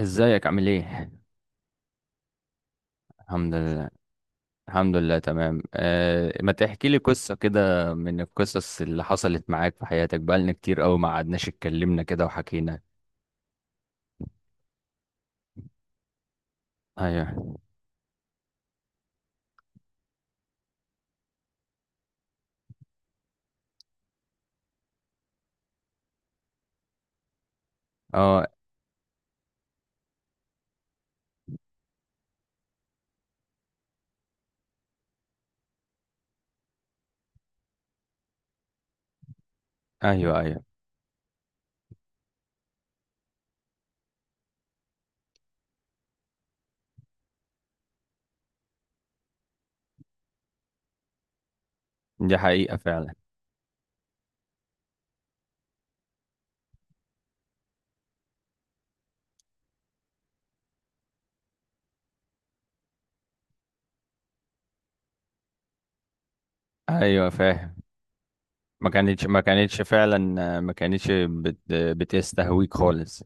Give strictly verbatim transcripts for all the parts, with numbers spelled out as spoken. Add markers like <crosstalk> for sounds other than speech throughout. ازيك عامل ايه؟ الحمد لله. الحمد لله، تمام. أه ما تحكي لي قصة كده من القصص اللي حصلت معاك في حياتك؟ بقالنا كتير قوي ما قعدناش اتكلمنا كده وحكينا. ايوه. اه. ايوه، ايوه. دي حقيقة فعلا. ايوه، فاهم. ما كانتش ما كانتش فعلا، آه، ما كانتش بت بتستهويك خالص.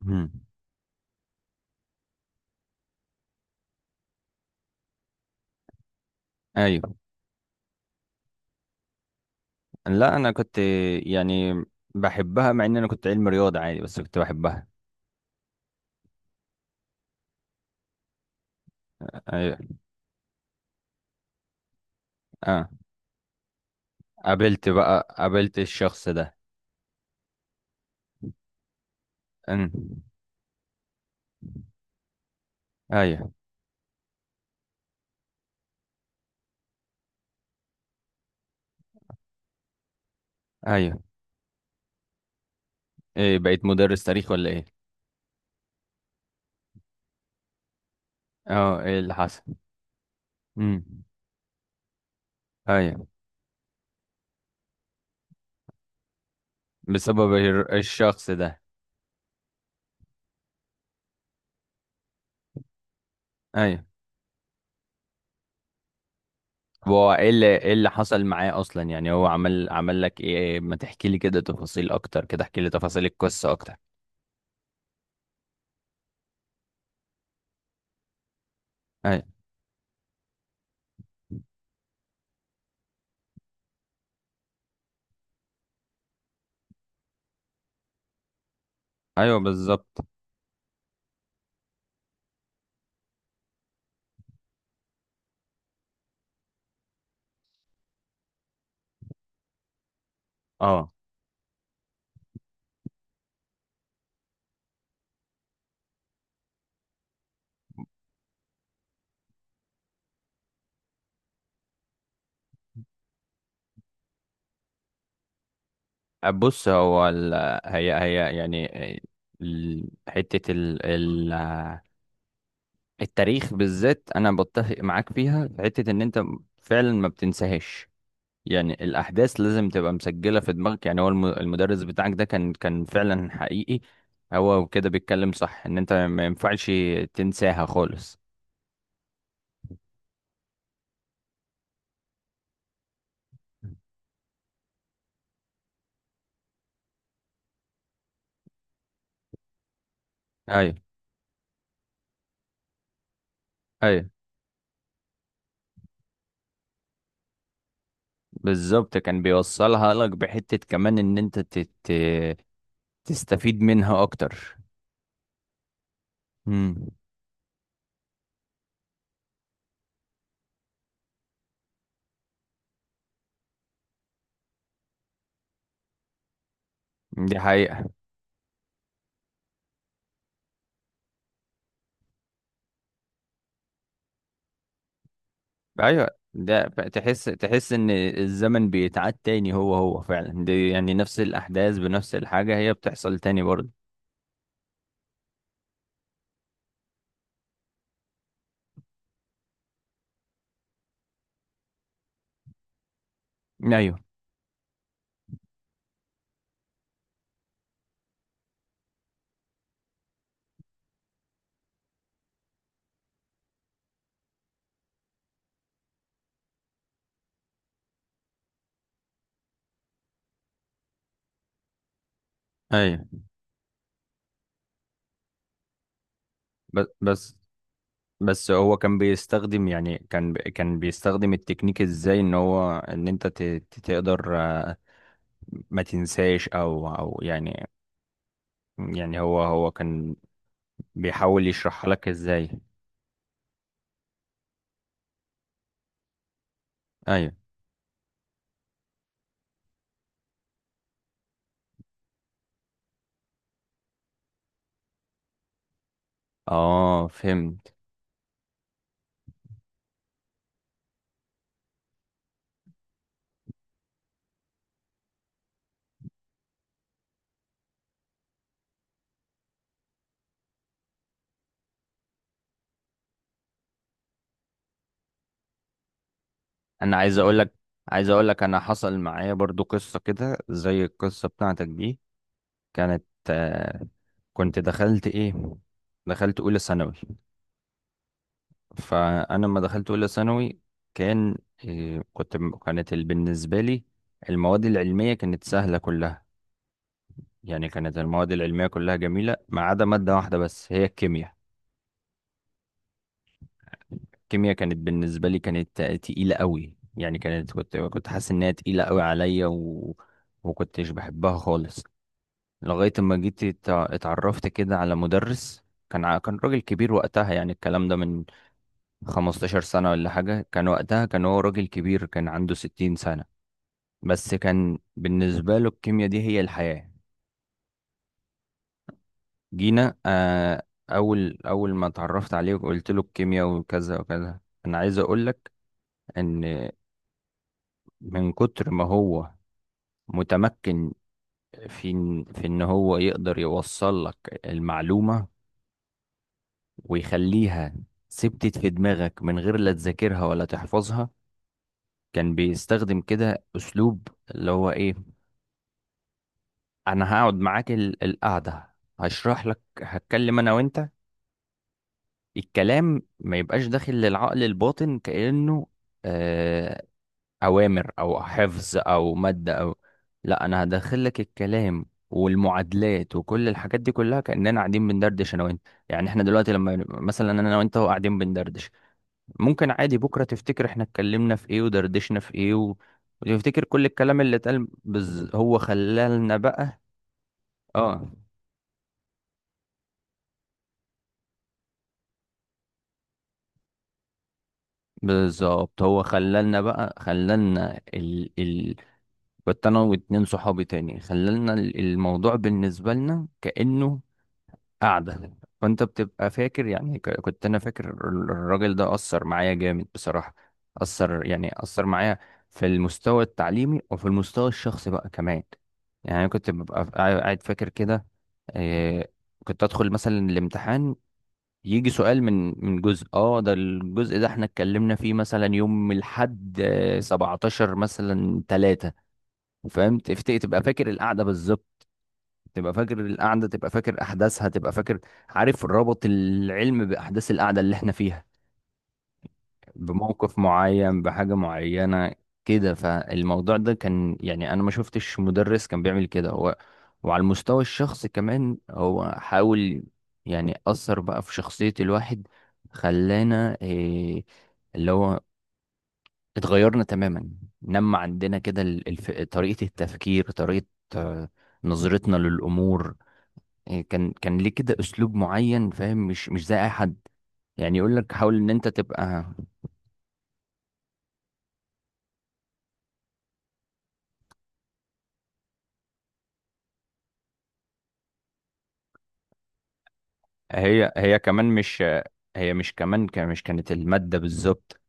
مم. ايوه. لا، انا كنت، يعني بحبها، مع ان انا كنت علم رياضة عادي، بس كنت بحبها. ايوه. اه. قابلت بقى قابلت الشخص ده. أمم. ايوه، ايوه. ايه، بقيت مدرس تاريخ ولا ايه؟ اه، ايه اللي حصل؟ امم. ايوه. بسبب الر- الشخص ده. ايوه. هو ايه اللي ايه اللي حصل معاه اصلا، يعني هو عمل عمل لك ايه؟ ما تحكي لي كده تفاصيل اكتر، كده احكي لي تفاصيل القصة اكتر. ايوه، ايوه، بالظبط. اه. بص هو ال... هي هي يعني ال... حتة ال... ال... التاريخ بالذات، انا بتفق معاك فيها في حتة ان انت فعلا ما بتنساهاش. يعني الأحداث لازم تبقى مسجلة في دماغك، يعني هو الم- المدرس بتاعك ده كان كان فعلا حقيقي. هو كده بيتكلم صح، إن أنت ما ينفعش تنساها خالص. أيوه. أيوه، بالظبط، كان بيوصلها لك بحتة كمان إن أنت تت... تستفيد منها أكتر. امم. دي حقيقة. أيوه، ده ب- تحس تحس إن الزمن بيتعاد تاني، هو هو فعلا دي، يعني نفس الأحداث بنفس الحاجة هي بتحصل تاني برضه. أيوه. أيوه، ب- بس. بس هو كان بيستخدم، يعني كان ب- كان بيستخدم التكنيك، ازاي ان هو ان انت ت- ت- تقدر، آه، ما تنساش، او او يعني، يعني هو هو كان بيحاول يشرحها لك ازاي. ايوه. اه، فهمت. انا عايز اقول لك عايز اقول لك انا حصل معايا برضو قصة كده زي القصة بتاعتك دي. كانت، آه، كنت دخلت ايه؟ دخلت اولى ثانوي. فانا لما دخلت اولى ثانوي كان، إيه، كنت، كانت ال- بالنسبه لي المواد العلميه كانت سهله كلها. يعني كانت المواد العلميه كلها جميله ما عدا ماده واحده بس، هي الكيمياء. الكيمياء كانت بالنسبه لي كانت، آه، تقيله قوي. يعني كانت كنت كنت حاسس انها تقيله قوي عليا و... وكنتش بحبها خالص. لغايه ما جيت ات- اتعرفت كده على مدرس، كان ع- كان راجل كبير وقتها. يعني الكلام ده من 15 سنة ولا حاجة، كان وقتها كان هو راجل كبير، كان عنده 60 سنة. بس كان بالنسبة له الكيمياء دي هي الحياة. جينا، آه أول أول ما اتعرفت عليه وقلت له الكيمياء وكذا وكذا. أنا عايز أقولك إن من كتر ما هو متمكن، في إن- في إن هو يقدر يوصل لك المعلومة ويخليها ثبتت في دماغك من غير لا تذاكرها ولا تحفظها. كان بيستخدم كده أسلوب، اللي هو إيه، أنا هقعد معاك ال- القعدة، هشرح لك، هتكلم أنا وأنت، الكلام ما يبقاش داخل للعقل الباطن كأنه، آه، أوامر أو حفظ أو مادة أو... لا، أنا هدخل لك الكلام والمعادلات وكل الحاجات دي كلها كأننا قاعدين بندردش أنا وأنت. يعني إحنا دلوقتي لما ن- مثلا أنا وأنت قاعدين بندردش، ممكن عادي بكرة تفتكر إحنا اتكلمنا في إيه ودردشنا في إيه و... وتفتكر كل الكلام اللي اتقال، بز... هو خلالنا بقى. آه، بالظبط، هو خلالنا بقى، خلالنا كنت انا واتنين صحابي تاني، خلالنا ال- الموضوع بالنسبة لنا كأنه قعدة. فانت بتبقى فاكر، يعني ك- كنت انا فاكر، ال- الراجل ده أثر معايا جامد بصراحة. أثر، يعني أثر معايا في المستوى التعليمي وفي المستوى الشخصي بقى كمان. يعني أنا كنت ببقى قاعد قاعد فاكر كده، آه، كنت ادخل مثلا الامتحان، يجي سؤال من من جزء، اه ده الجزء ده احنا اتكلمنا فيه مثلا يوم الحد، آه، سبعتاشر مثلا تلاتة، فاهم؟ تفتكر تبقى فاكر القعده بالظبط. تبقى فاكر القعده، تبقى فاكر احداثها، تبقى فاكر، عارف، ربط العلم باحداث القعده اللي احنا فيها، بموقف معين بحاجه معينه كده. فالموضوع ده كان، يعني انا ما شفتش مدرس كان بيعمل كده. هو وعلى المستوى الشخصي كمان هو حاول، يعني اثر بقى في شخصيه الواحد، خلانا إيه، اللي هو اتغيرنا تماما. نما عندنا كده ال- الف... طريقة التفكير، طريقة، آه، نظرتنا للأمور. إيه، كان كان ليه كده أسلوب معين، فاهم، مش مش زي أي حد. يعني يقول لك حاول إن أنت تبقى... هي هي كمان مش، هي مش كمان ك- مش كانت المادة بالظبط.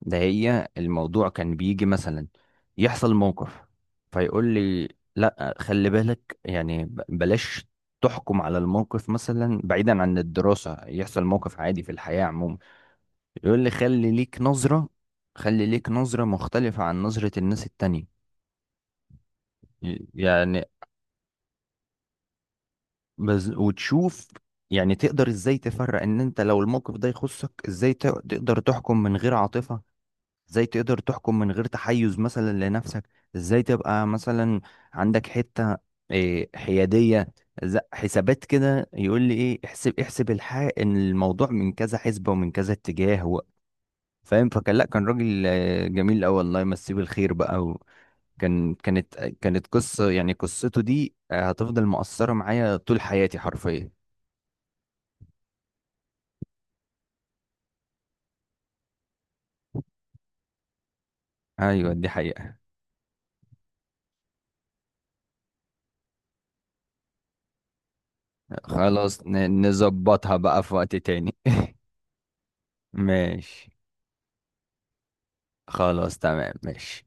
ده هي الموضوع كان بيجي مثلا يحصل موقف، فيقول لي، لا، خلي بالك، يعني ب- بلاش تحكم على الموقف، مثلا بعيدا عن الدراسة يحصل موقف عادي في الحياة عموما، يقول لي خلي ليك نظرة، خلي ليك نظرة مختلفة عن نظرة الناس التانية. يعني بز... وتشوف، يعني تقدر ازاي تفرق ان انت لو الموقف ده يخصك، ازاي ت... تقدر تحكم من غير عاطفة، ازاي تقدر تحكم من غير تحيز مثلا لنفسك، ازاي تبقى مثلا عندك حتة، إيه حيادية، ز- حسابات كده. يقول لي ايه احسب، احسب الحق ان الموضوع من كذا حسبة ومن كذا اتجاه و... فاهم؟ فكان، لا، كان راجل، آه، جميل قوي، الله يمسيه بالخير بقى. كان كانت كانت قصة، يعني قصته دي، آه، هتفضل مؤثرة معايا طول حياتي حرفيا. ايوه، دي حقيقة. خلاص، ن- نظبطها بقى في وقت تاني. <laughs> ماشي، خلاص، تمام، ماشي.